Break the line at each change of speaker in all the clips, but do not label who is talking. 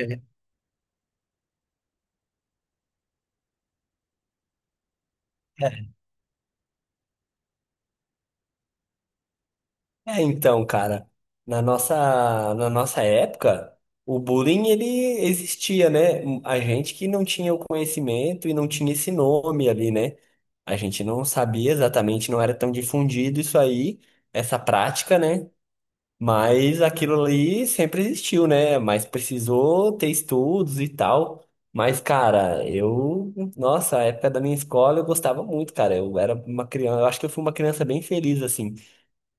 É, é, então, cara, na nossa, na nossa época, o bullying ele existia, né? A gente que não tinha o conhecimento e não tinha esse nome ali, né? A gente não sabia exatamente, não era tão difundido isso aí, essa prática, né? Mas aquilo ali sempre existiu, né? Mas precisou ter estudos e tal. Mas, cara, eu, nossa, a época da minha escola eu gostava muito, cara. Eu era uma criança, eu acho que eu fui uma criança bem feliz, assim.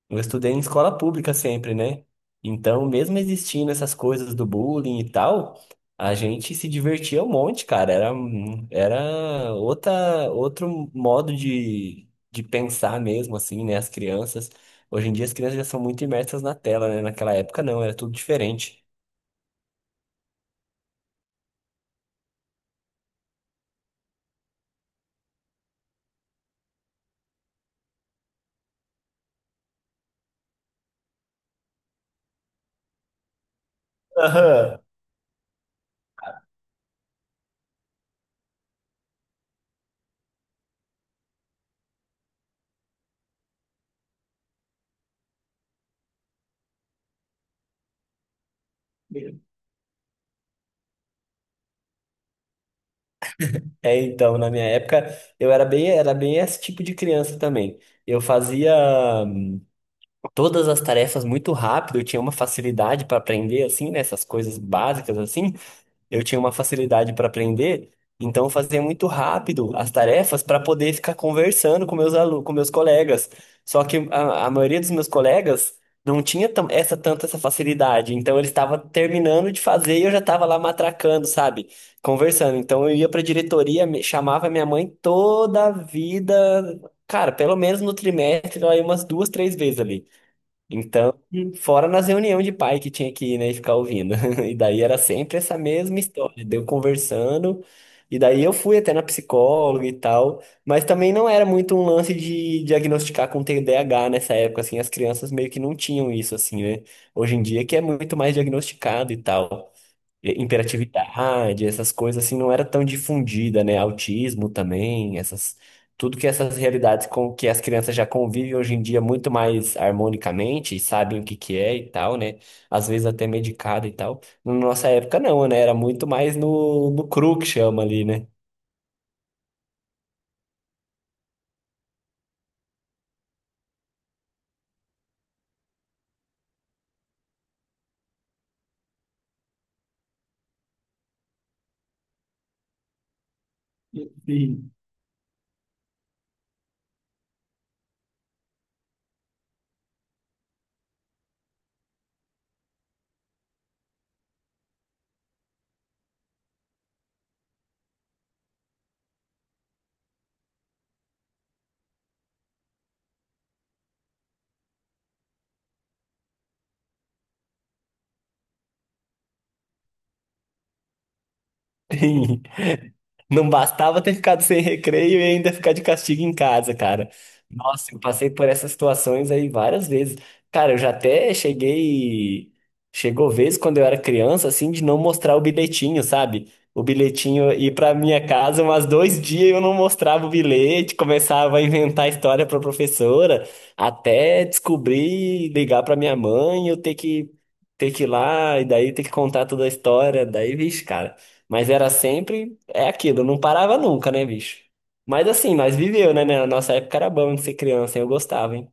Eu estudei em escola pública sempre, né? Então, mesmo existindo essas coisas do bullying e tal, a gente se divertia um monte, cara. Era, era outra, outro modo de pensar mesmo, assim, né? As crianças. Hoje em dia as crianças já são muito imersas na tela, né? Naquela época não, era tudo diferente. Aham. É, então, na minha época, eu era bem esse tipo de criança também. Eu fazia. Todas as tarefas muito rápido, eu tinha uma facilidade para aprender, assim, né? Essas coisas básicas, assim, eu tinha uma facilidade para aprender, então eu fazia muito rápido as tarefas para poder ficar conversando com meus alunos, com meus colegas. Só que a maioria dos meus colegas não tinha essa tanta essa facilidade, então eles estavam terminando de fazer e eu já estava lá matracando, sabe? Conversando. Então eu ia para a diretoria, chamava minha mãe toda a vida. Cara, pelo menos no trimestre, ela ia umas duas, três vezes ali. Então, fora nas reuniões de pai que tinha que ir, né, e ficar ouvindo. E daí era sempre essa mesma história, deu conversando, e daí eu fui até na psicóloga e tal, mas também não era muito um lance de diagnosticar com TDAH nessa época, assim, as crianças meio que não tinham isso, assim, né? Hoje em dia que é muito mais diagnosticado e tal. Hiperatividade, essas coisas assim não era tão difundida, né? Autismo também, essas tudo que essas realidades com que as crianças já convivem hoje em dia muito mais harmonicamente, e sabem o que que é e tal, né? Às vezes até medicado e tal. Na nossa época não, né? Era muito mais no, no cru que chama ali, né? Sim. Não bastava ter ficado sem recreio e ainda ficar de castigo em casa, cara. Nossa, eu passei por essas situações aí várias vezes. Cara, eu já até cheguei. Chegou vez quando eu era criança, assim, de não mostrar o bilhetinho, sabe? O bilhetinho ir pra minha casa umas dois dias eu não mostrava o bilhete, começava a inventar história pra professora, até descobrir, ligar pra minha mãe, eu ter que ir lá, e daí ter que contar toda a história. Daí, vixe, cara. Mas era sempre. É aquilo, não parava nunca, né, bicho? Mas assim, nós viveu, né? Na nossa época era bom de ser criança, eu gostava, hein?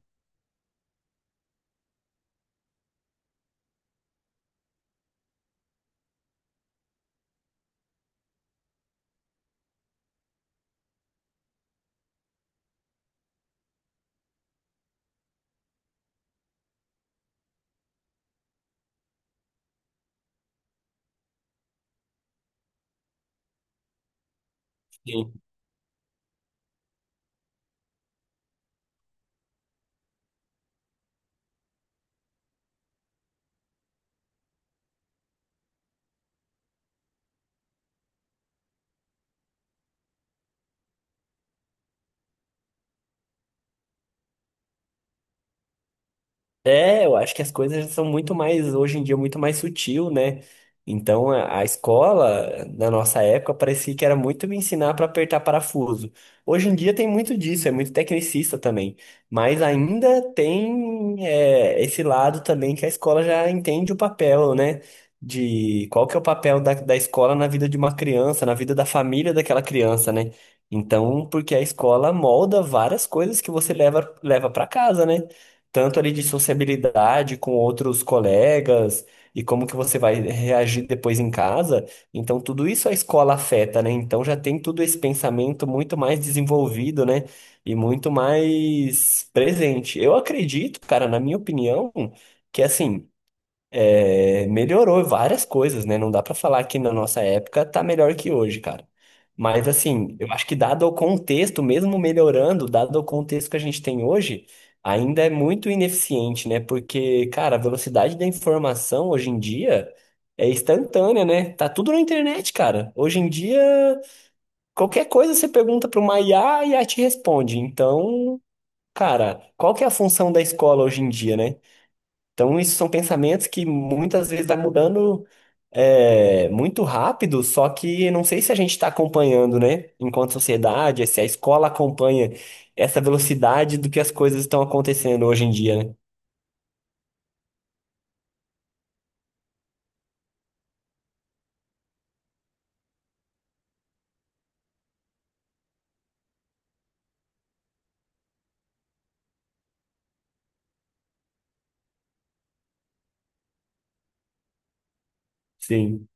É, eu acho que as coisas são muito mais, hoje em dia, muito mais sutil, né? Então, a escola, na nossa época, parecia que era muito me ensinar para apertar parafuso. Hoje em dia tem muito disso, é muito tecnicista também. Mas ainda tem, é, esse lado também que a escola já entende o papel, né? De qual que é o papel da escola na vida de uma criança, na vida da família daquela criança, né? Então, porque a escola molda várias coisas que você leva, leva para casa, né? tanto ali de sociabilidade com outros colegas e como que você vai reagir depois em casa. Então, tudo isso a escola afeta, né? Então, já tem tudo esse pensamento muito mais desenvolvido, né? E muito mais presente. Eu acredito, cara, na minha opinião, que assim. É, melhorou várias coisas, né? Não dá pra falar que na nossa época tá melhor que hoje, cara. Mas assim, eu acho que dado o contexto, mesmo melhorando, dado o contexto que a gente tem hoje, ainda é muito ineficiente, né? Porque, cara, a velocidade da informação hoje em dia é instantânea, né? Tá tudo na internet, cara. Hoje em dia, qualquer coisa você pergunta para uma IA e a IA te responde. Então, cara, qual que é a função da escola hoje em dia, né? Então, isso são pensamentos que muitas vezes vai mudando muito rápido, só que não sei se a gente está acompanhando, né? Enquanto sociedade, se a escola acompanha essa velocidade do que as coisas estão acontecendo hoje em dia, né? Sim,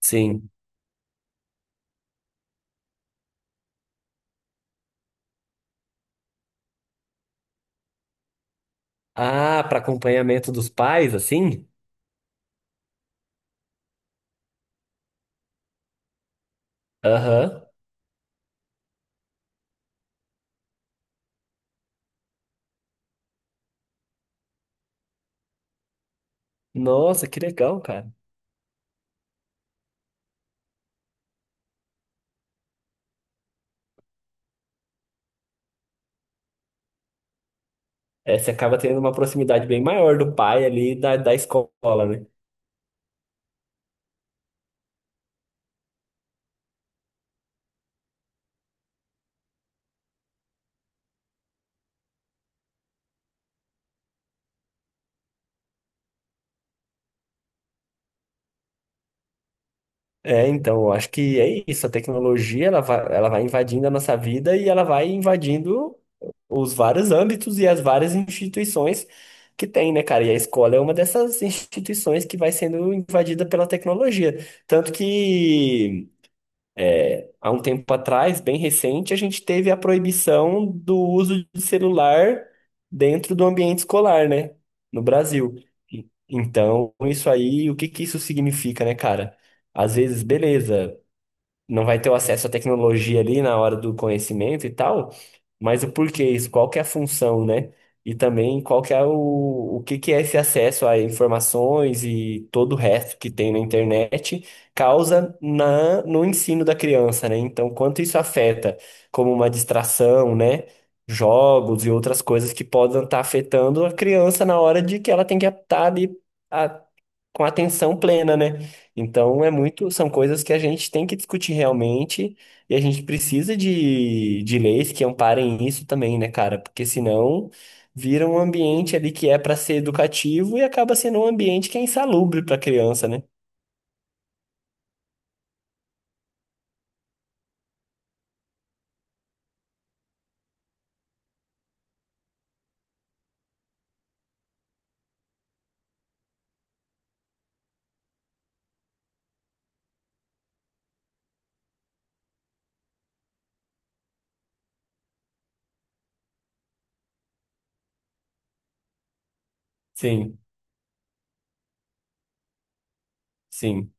sim. Ah, para acompanhamento dos pais, assim? Aham. Nossa, que legal, cara. É, você acaba tendo uma proximidade bem maior do pai ali da escola, né? É, então, eu acho que é isso. A tecnologia, ela vai invadindo a nossa vida e ela vai invadindo os vários âmbitos e as várias instituições que tem, né, cara? E a escola é uma dessas instituições que vai sendo invadida pela tecnologia. Tanto que, há um tempo atrás, bem recente, a gente teve a proibição do uso de celular dentro do ambiente escolar, né, no Brasil. Então, isso aí, o que que isso significa, né, cara? Às vezes, beleza não vai ter o acesso à tecnologia ali na hora do conhecimento e tal, mas o porquê isso, qual que é a função, né? E também qual que é o que que é esse acesso a informações e todo o resto que tem na internet causa na, no ensino da criança, né? Então, quanto isso afeta como uma distração, né? Jogos e outras coisas que podem estar afetando a criança na hora de que ela tem que estar ali com atenção plena, né? Então é muito, são coisas que a gente tem que discutir realmente e a gente precisa de leis que amparem isso também, né, cara? Porque senão vira um ambiente ali que é para ser educativo e acaba sendo um ambiente que é insalubre para criança, né? Sim, sim.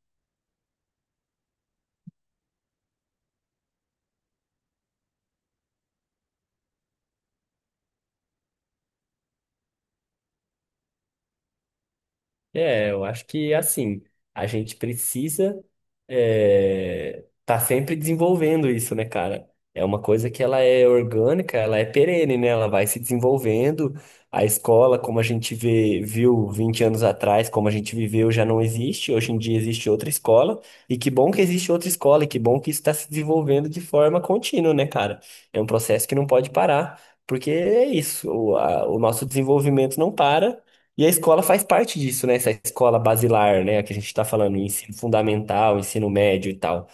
É, eu acho que assim, a gente precisa tá sempre desenvolvendo isso, né, cara? É uma coisa que ela é orgânica, ela é perene, né? Ela vai se desenvolvendo. A escola, como a gente vê, viu 20 anos atrás, como a gente viveu, já não existe. Hoje em dia existe outra escola. E que bom que existe outra escola, e que bom que isso está se desenvolvendo de forma contínua, né, cara? É um processo que não pode parar, porque é isso, o nosso desenvolvimento não para. E a escola faz parte disso, né? Essa escola basilar, né? Que a gente está falando, ensino fundamental, ensino médio e tal.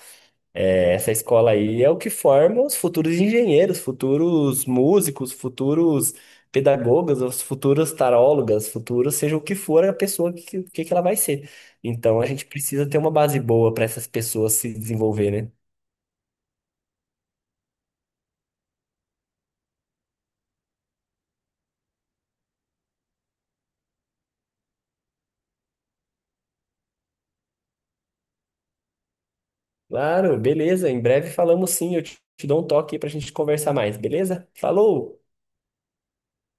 É, essa escola aí é o que forma os futuros engenheiros, futuros músicos, futuros pedagogas, os futuros tarólogas, futuros, seja o que for a pessoa que ela vai ser. Então a gente precisa ter uma base boa para essas pessoas se desenvolver, né? Claro, beleza. Em breve falamos sim. Eu te, te dou um toque aí para a gente conversar mais, beleza? Falou!